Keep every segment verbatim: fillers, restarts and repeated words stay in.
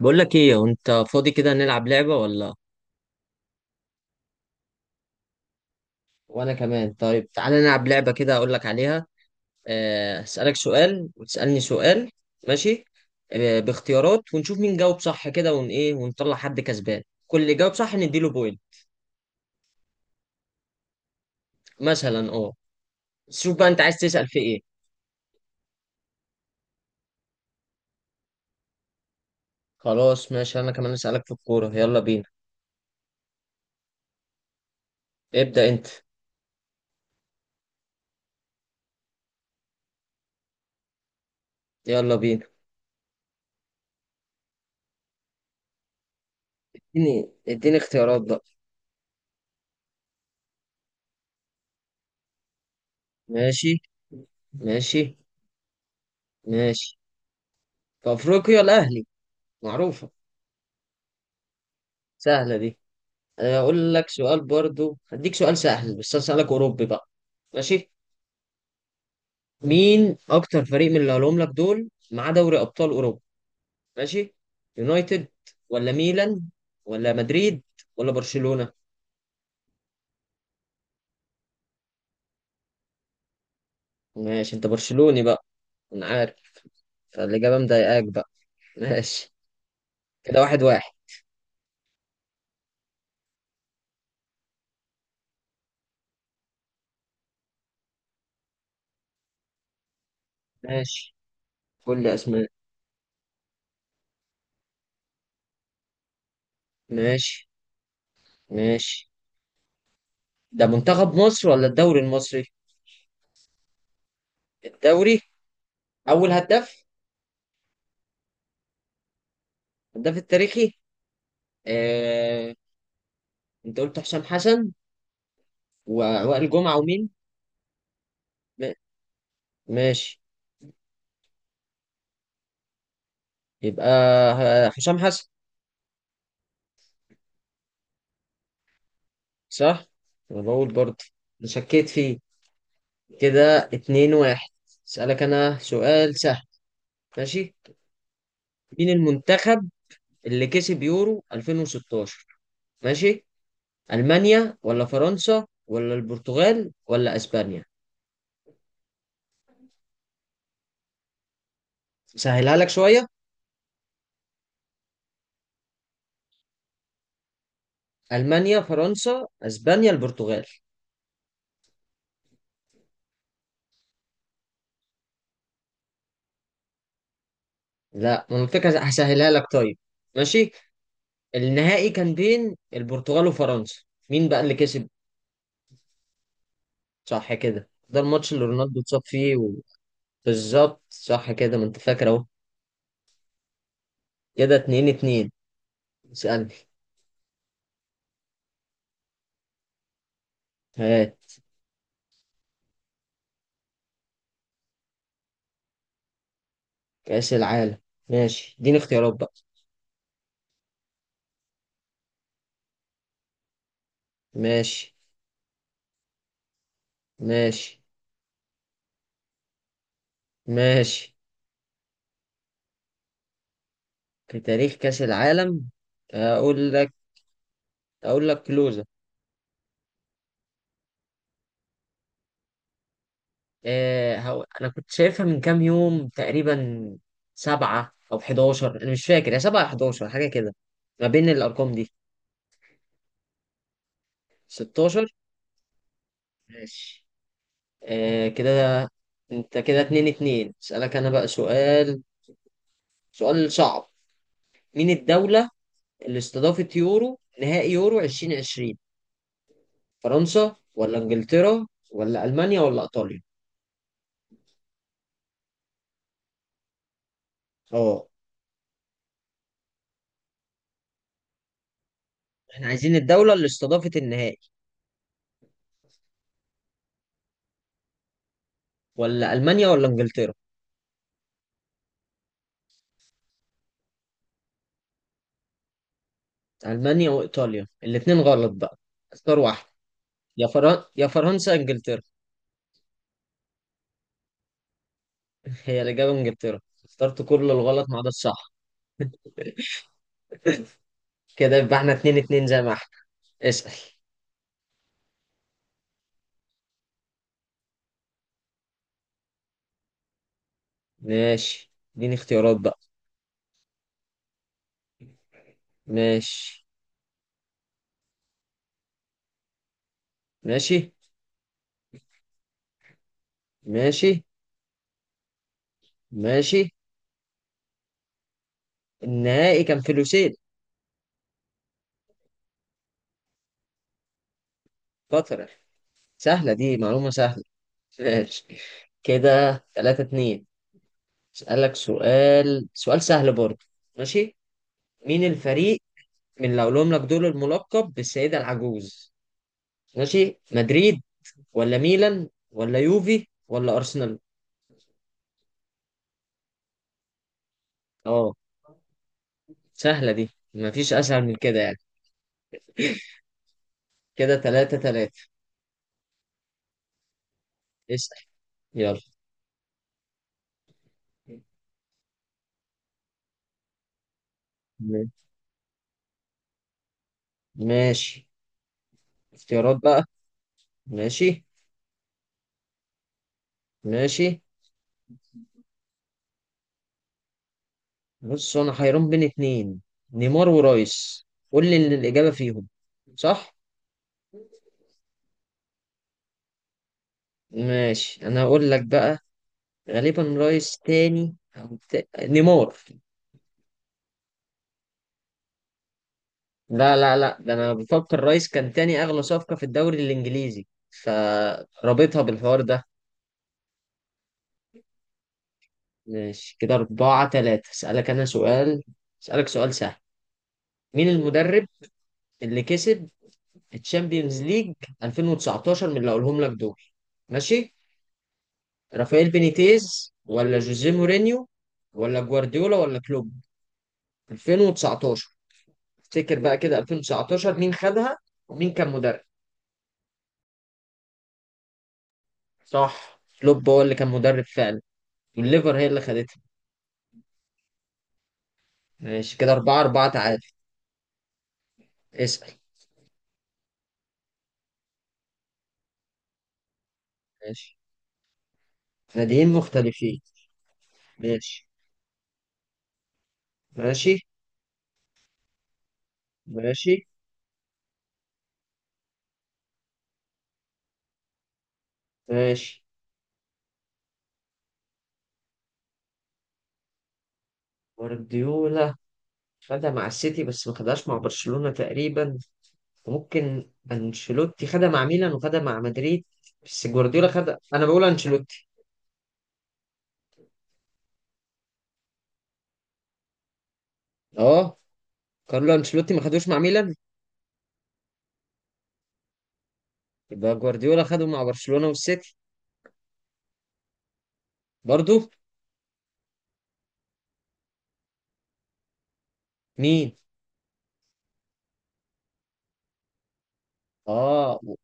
بقول لك ايه؟ انت فاضي كده نلعب لعبة؟ ولا وانا كمان، طيب تعالى نلعب لعبة كده اقول لك عليها. آه، هسألك سؤال وتسألني سؤال. ماشي. آه، باختيارات ونشوف مين جاوب صح كده ون ايه ونطلع حد كسبان، كل اللي جاوب صح نديله بوينت. مثلا اه. بس شوف بقى انت عايز تسأل في ايه؟ خلاص ماشي، انا كمان اسألك في الكورة، يلا بينا. ابدأ انت. يلا بينا. اديني اديني اختيارات بقى. ماشي. ماشي. ماشي. في افريقيا الاهلي، معروفة. سهلة دي. اقول لك سؤال برضو، هديك سؤال سهل بس هسألك اوروبي بقى. ماشي. مين اكتر فريق من اللي هقولهم لك دول معاه دوري ابطال اوروبا؟ ماشي. يونايتد ولا ميلان ولا مدريد ولا برشلونة. ماشي انت برشلوني بقى، انا عارف. فالاجابة مضايقاك بقى. ماشي. كده واحد واحد. ماشي. كل اسماء. ماشي. ماشي. ده منتخب مصر ولا الدوري المصري؟ الدوري. اول هداف. الهداف التاريخي. آه... انت قلت حسام حسن ووائل جمعة ومين؟ ما- ماشي. يبقى ه- هشام حسن. صح؟ أنا بقول برضه. أنا شكيت فيه. كده اتنين واحد. أسألك أنا سؤال سهل. ماشي؟ مين المنتخب اللي كسب يورو ألفين وستاشر؟ ماشي؟ ألمانيا ولا فرنسا ولا البرتغال ولا أسبانيا؟ سهلها لك شوية. ألمانيا فرنسا أسبانيا البرتغال. لا ما أنا قلت لك هسهلها لك. طيب ماشي؟ النهائي كان بين البرتغال وفرنسا. مين بقى اللي كسب؟ صح كده، ده الماتش اللي رونالدو اتصاب فيه و... بالظبط صح كده، ما انت فاكر اهو. كده اتنين اتنين. اسألني. هات. كأس العالم. ماشي اديني اختيارات بقى. ماشي. ماشي. ماشي. في تاريخ كأس العالم. اقول لك. اقول لك كلوزة. آه هو... انا كنت شايفها من كام يوم تقريبا. سبعة او حداشر، انا مش فاكر، يا سبعة حداشر حاجة كده. ما بين الارقام دي. ستاشر. ماشي. آه كده. انت كده اتنين اتنين، اسألك انا بقى سؤال. سؤال صعب. مين الدولة اللي استضافت يورو نهائي يورو ألفين وعشرين؟ فرنسا ولا انجلترا ولا المانيا ولا ايطاليا. اه. احنا عايزين الدولة اللي استضافت النهائي. ولا المانيا ولا انجلترا. المانيا وايطاليا الاتنين غلط بقى. اختار واحد. يا فرن... يا فرنسا انجلترا. هي الاجابة انجلترا. اخترت كل الغلط ما عدا الصح. كده يبقى احنا اتنين اتنين، زي ما احنا. اسأل. ماشي اديني اختيارات بقى. ماشي. ماشي. ماشي. ماشي. النهائي كان فلوسيل. قطر، سهلة دي، معلومة سهلة. ماشي. كده تلاتة اتنين. اسألك سؤال سؤال سهل برضه. ماشي. مين الفريق من اللي هقولهم لك دول الملقب بالسيدة العجوز؟ ماشي. مدريد ولا ميلان ولا يوفي ولا أرسنال. اه. سهلة دي، مفيش أسهل من كده يعني. كده تلاتة تلاتة. اسأل. يلا. ماشي. اختيارات بقى. ماشي. ماشي. بص انا حيران بين اتنين، نيمار ورايس. قول لي ان الاجابه فيهم، صح؟ ماشي انا هقول لك بقى. غالبا رايس تاني او تا... نيمار. لا لا لا، ده انا بفكر رايس كان تاني اغلى صفقه في الدوري الانجليزي، فرابطها بالحوار ده. ماشي كده أربعة تلاتة. أسألك أنا سؤال. أسألك سؤال سهل. مين المدرب اللي كسب الشامبيونز ليج ألفين وتسعتاشر من اللي أقولهم لك دول؟ ماشي. رافائيل بينيتيز ولا جوزيه مورينيو ولا جوارديولا ولا كلوب؟ ألفين وتسعتاشر. افتكر بقى كده، ألفين وتسعتاشر مين خدها ومين كان مدرب؟ صح، كلوب هو اللي كان مدرب فعلا. والليفر هي اللي خدتها. ماشي كده أربعة أربعة تعادل. اسأل. ماشي. ناديين مختلفين. ماشي. ماشي. ماشي. ماشي. جوارديولا خدها مع السيتي بس ما خدهاش مع برشلونة تقريبا. وممكن انشيلوتي خدها مع ميلان وخدها مع مدريد. بس جوارديولا خدها، انا بقول انشيلوتي. اه. كارلو انشيلوتي ما خدوش مع ميلان. يبقى جوارديولا خده مع برشلونة والسيتي. برضو. مين؟ اه و-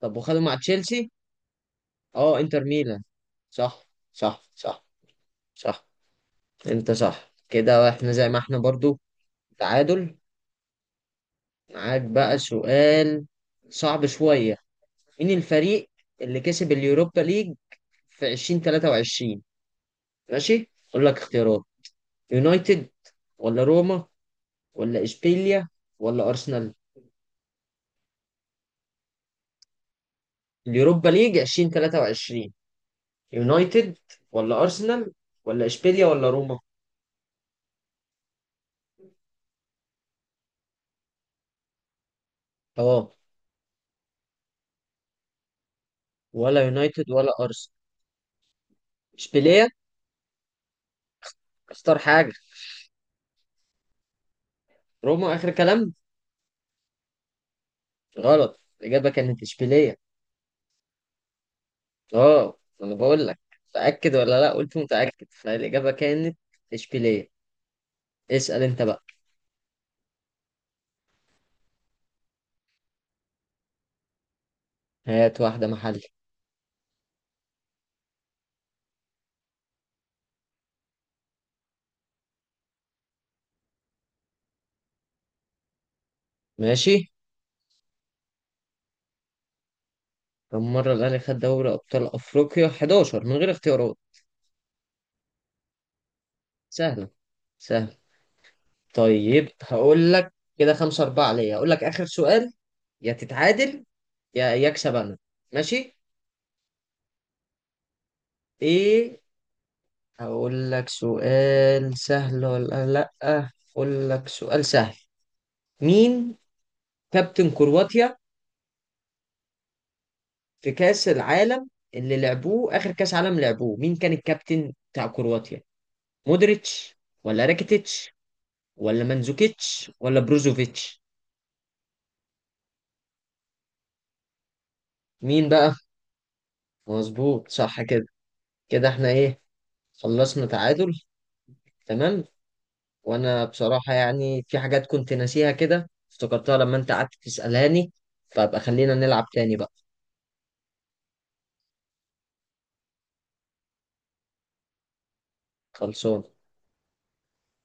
طب وخده مع تشيلسي. اه، انتر ميلان. صح. صح صح. صح. انت صح، كده احنا زي ما احنا برضو، تعادل. معاك بقى سؤال. صعب شوية. مين الفريق اللي كسب اليوروبا ليج في ألفين وتلاتة وعشرين؟ ماشي اقول لك اختيارات. يونايتد ولا روما ولا اشبيليا ولا ارسنال. اليوروبا ليج ألفين وتلاتة وعشرين. يونايتد ولا ارسنال ولا اشبيليا ولا روما. اه. ولا يونايتد ولا ارسنال. اشبيليا. اختار حاجه. روما اخر كلام. غلط، الاجابه كانت اشبيليا. اه. انا بقول لك متاكد ولا لا، قلت متاكد، فالاجابه كانت اشبيليا. اسال انت بقى. هات واحده محل. ماشي. كم مره الاهلي خد دوري ابطال افريقيا؟ حداشر من غير اختيارات. سهلة سهلة. طيب هقول لك، كده خمسة أربعة ليا، هقول لك آخر سؤال، يا تتعادل يا يكسب أنا. ماشي. إيه. هقول لك سؤال سهل ولا لأ؟ هقول لك سؤال سهل. مين كابتن كرواتيا في كأس العالم اللي لعبوه؟ آخر كأس عالم لعبوه مين كان الكابتن بتاع كرواتيا؟ مودريتش ولا راكيتيتش ولا مانزوكيتش ولا بروزوفيتش. مين بقى؟ مظبوط، صح كده. كده احنا ايه، خلصنا تعادل. تمام. وانا بصراحة يعني في حاجات كنت ناسيها كده افتكرتها لما انت قعدت تسألاني. فابقى خلينا نلعب تاني بقى. خلصان.